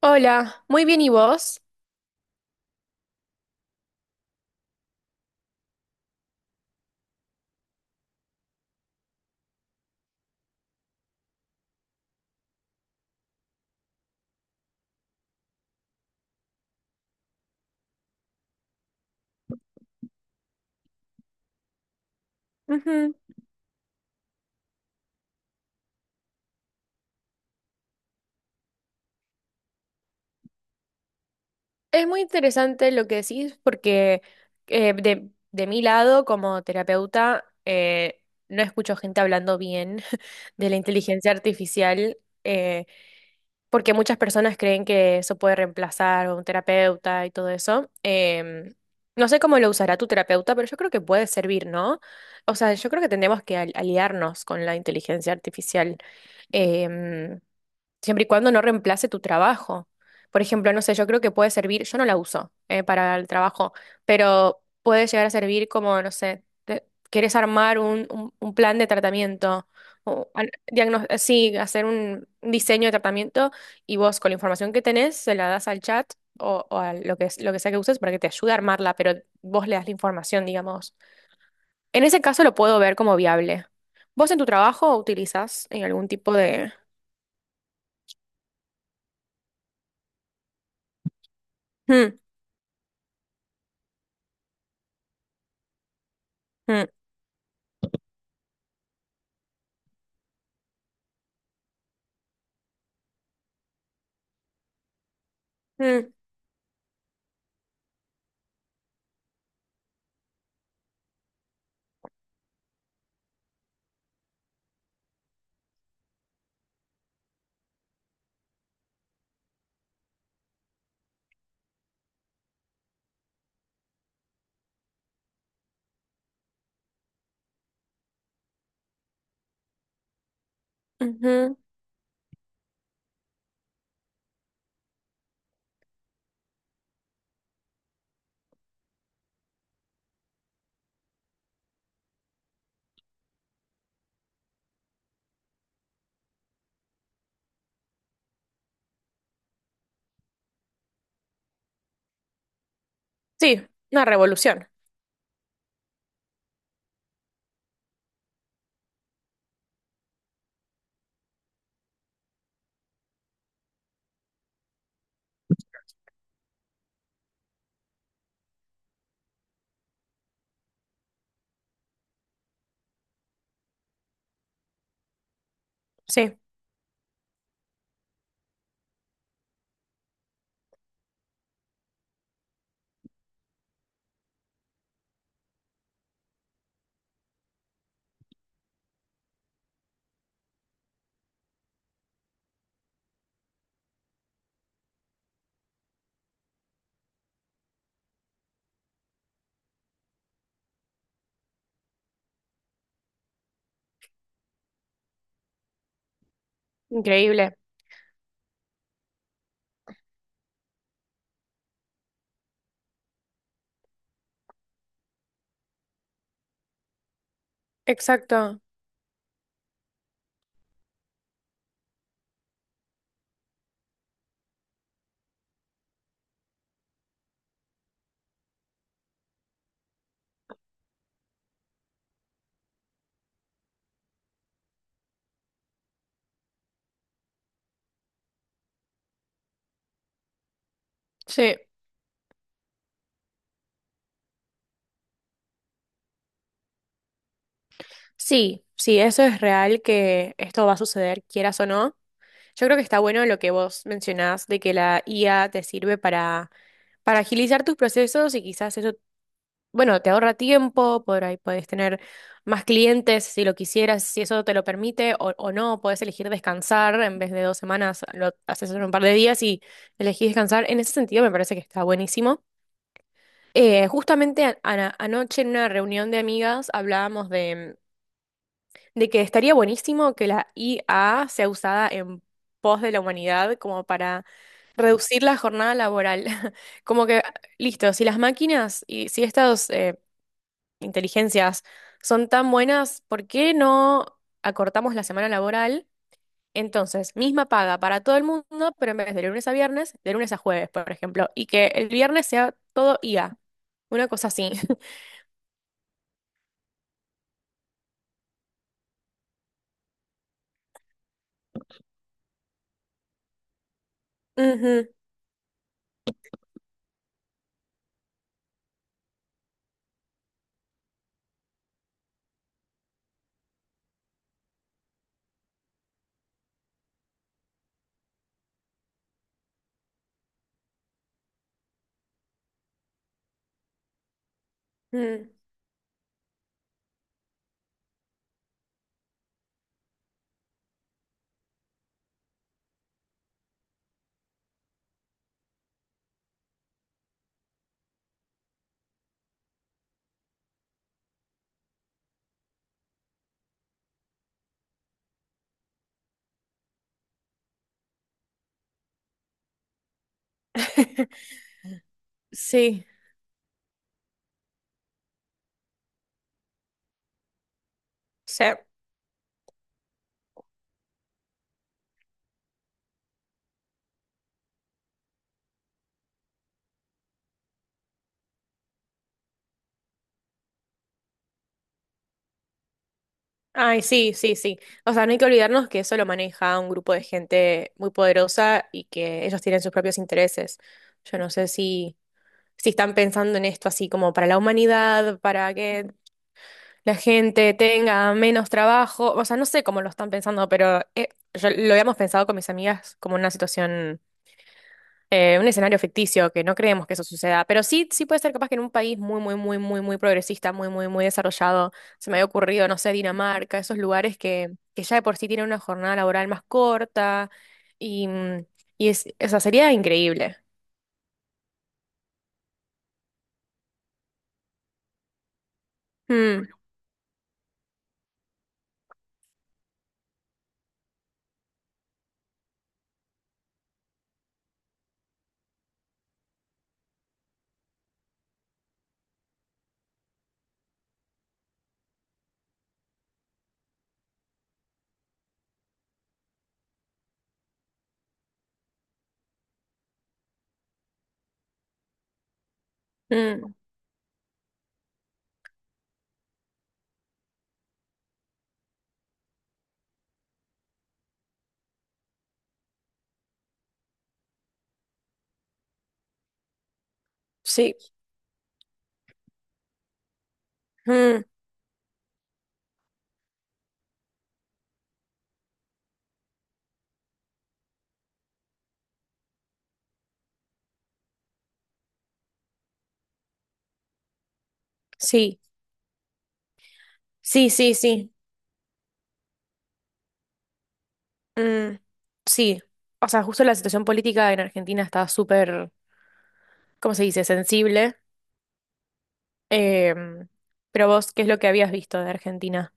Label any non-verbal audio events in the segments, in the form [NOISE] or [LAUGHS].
Hola, muy bien, ¿y vos? Ujú. Es muy interesante lo que decís porque de, mi lado, como terapeuta, no escucho gente hablando bien [LAUGHS] de la inteligencia artificial eh, porque muchas personas creen que eso puede reemplazar a un terapeuta y todo eso. No sé cómo lo usará tu terapeuta, pero yo creo que puede servir, ¿no? O sea, yo creo que tenemos que aliarnos con la inteligencia artificial. Em, siempre y cuando no reemplace tu trabajo. Por ejemplo, no sé, yo creo que puede servir, yo no la uso para el trabajo, pero puede llegar a servir como, no sé, quieres armar un, un plan de tratamiento, o sí, hacer un diseño de tratamiento y vos con la información que tenés se la das al chat o, a lo que, lo que sea que uses para que te ayude a armarla, pero vos le das la información, digamos. En ese caso lo puedo ver como viable. ¿Vos en tu trabajo utilizás algún tipo de... Mm, mm. Mm. Ujú. Sí, una revolución. Sí, increíble. Exacto. Sí. Sí, sí, eso es real que esto va a suceder, quieras o no. Yo creo que está bueno lo que vos mencionás de que la IA te sirve para, agilizar tus procesos y quizás eso, bueno, te ahorra tiempo, por ahí puedes tener más clientes si lo quisieras, si eso te lo permite o, no, puedes elegir descansar en vez de dos semanas, lo haces en un par de días y elegís descansar. En ese sentido me parece que está buenísimo. Justamente anoche en una reunión de amigas hablábamos de, que estaría buenísimo que la IA sea usada en pos de la humanidad como para reducir la jornada laboral. [LAUGHS] Como que, listo, si las máquinas y si estas inteligencias son tan buenas, ¿por qué no acortamos la semana laboral? Entonces, misma paga para todo el mundo, pero en vez de lunes a viernes, de lunes a jueves, por ejemplo, y que el viernes sea todo IA, una cosa así. [LAUGHS] Ujú. Mm. [LAUGHS] Sí, sí. Ay, sí, sí, sí. O sea, no hay que olvidarnos que eso lo maneja un grupo de gente muy poderosa y que ellos tienen sus propios intereses. Yo no sé si, si están pensando en esto así como para la humanidad, para que la gente tenga menos trabajo. O sea, no sé cómo lo están pensando, pero lo habíamos pensado con mis amigas como una situación un escenario ficticio, que no creemos que eso suceda, pero sí, sí puede ser capaz que en un país muy, muy, muy, muy, muy progresista, muy, muy, muy desarrollado, se me había ocurrido, no sé, Dinamarca, esos lugares que, ya de por sí tienen una jornada laboral más corta y, mm, y es, o sea, sería increíble. Mm, mm, sí, mm, sí, sí, sí, sí, mm, sí. O sea, justo la situación política en Argentina está súper, ¿cómo se dice?, sensible. Em, pero vos, ¿qué es lo que habías visto de Argentina?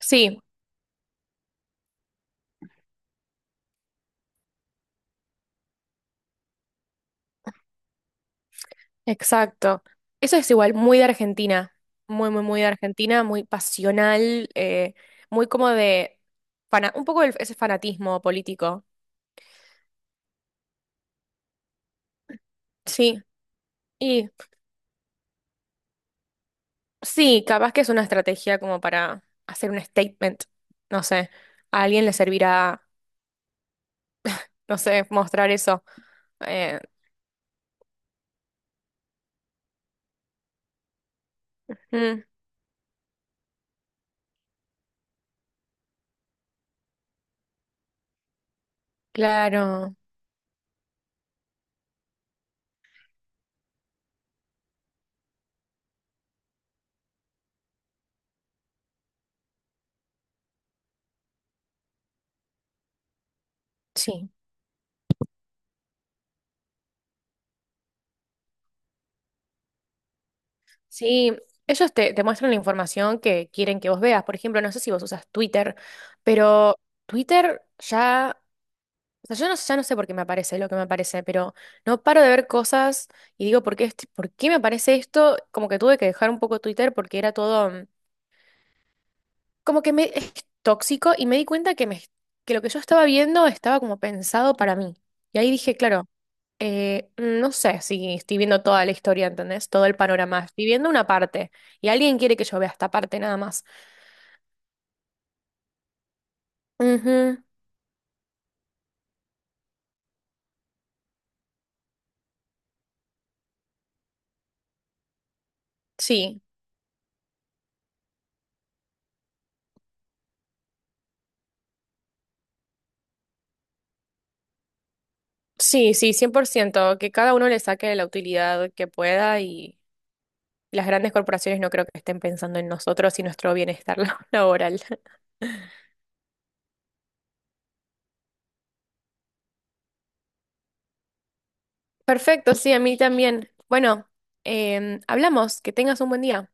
Sí. Exacto. Eso es igual, muy de Argentina, muy, muy, muy de Argentina, muy pasional, muy como de un poco ese fanatismo político. Sí, y sí, capaz que es una estrategia como para hacer un statement, no sé, a alguien le servirá, no sé, mostrar eso. Eh, mm, claro, sí. Sí, ellos te, muestran la información que quieren que vos veas. Por ejemplo, no sé si vos usas Twitter, pero Twitter ya... O sea, yo no, ya no sé por qué me aparece lo que me aparece, pero no paro de ver cosas y digo, ¿por qué, por qué me aparece esto? Como que tuve que dejar un poco Twitter porque era todo, como que es tóxico y me di cuenta que, que lo que yo estaba viendo estaba como pensado para mí. Y ahí dije, claro, no sé si estoy viendo toda la historia, ¿entendés? Todo el panorama. Estoy viendo una parte y alguien quiere que yo vea esta parte nada más. Ujú, sí, sí, sí, 100% que cada uno le saque la utilidad que pueda. Las grandes corporaciones no creo que estén pensando en nosotros y nuestro bienestar [LAUGHS] laboral. Perfecto, sí, a mí también. Bueno, hablamos, que tengas un buen día.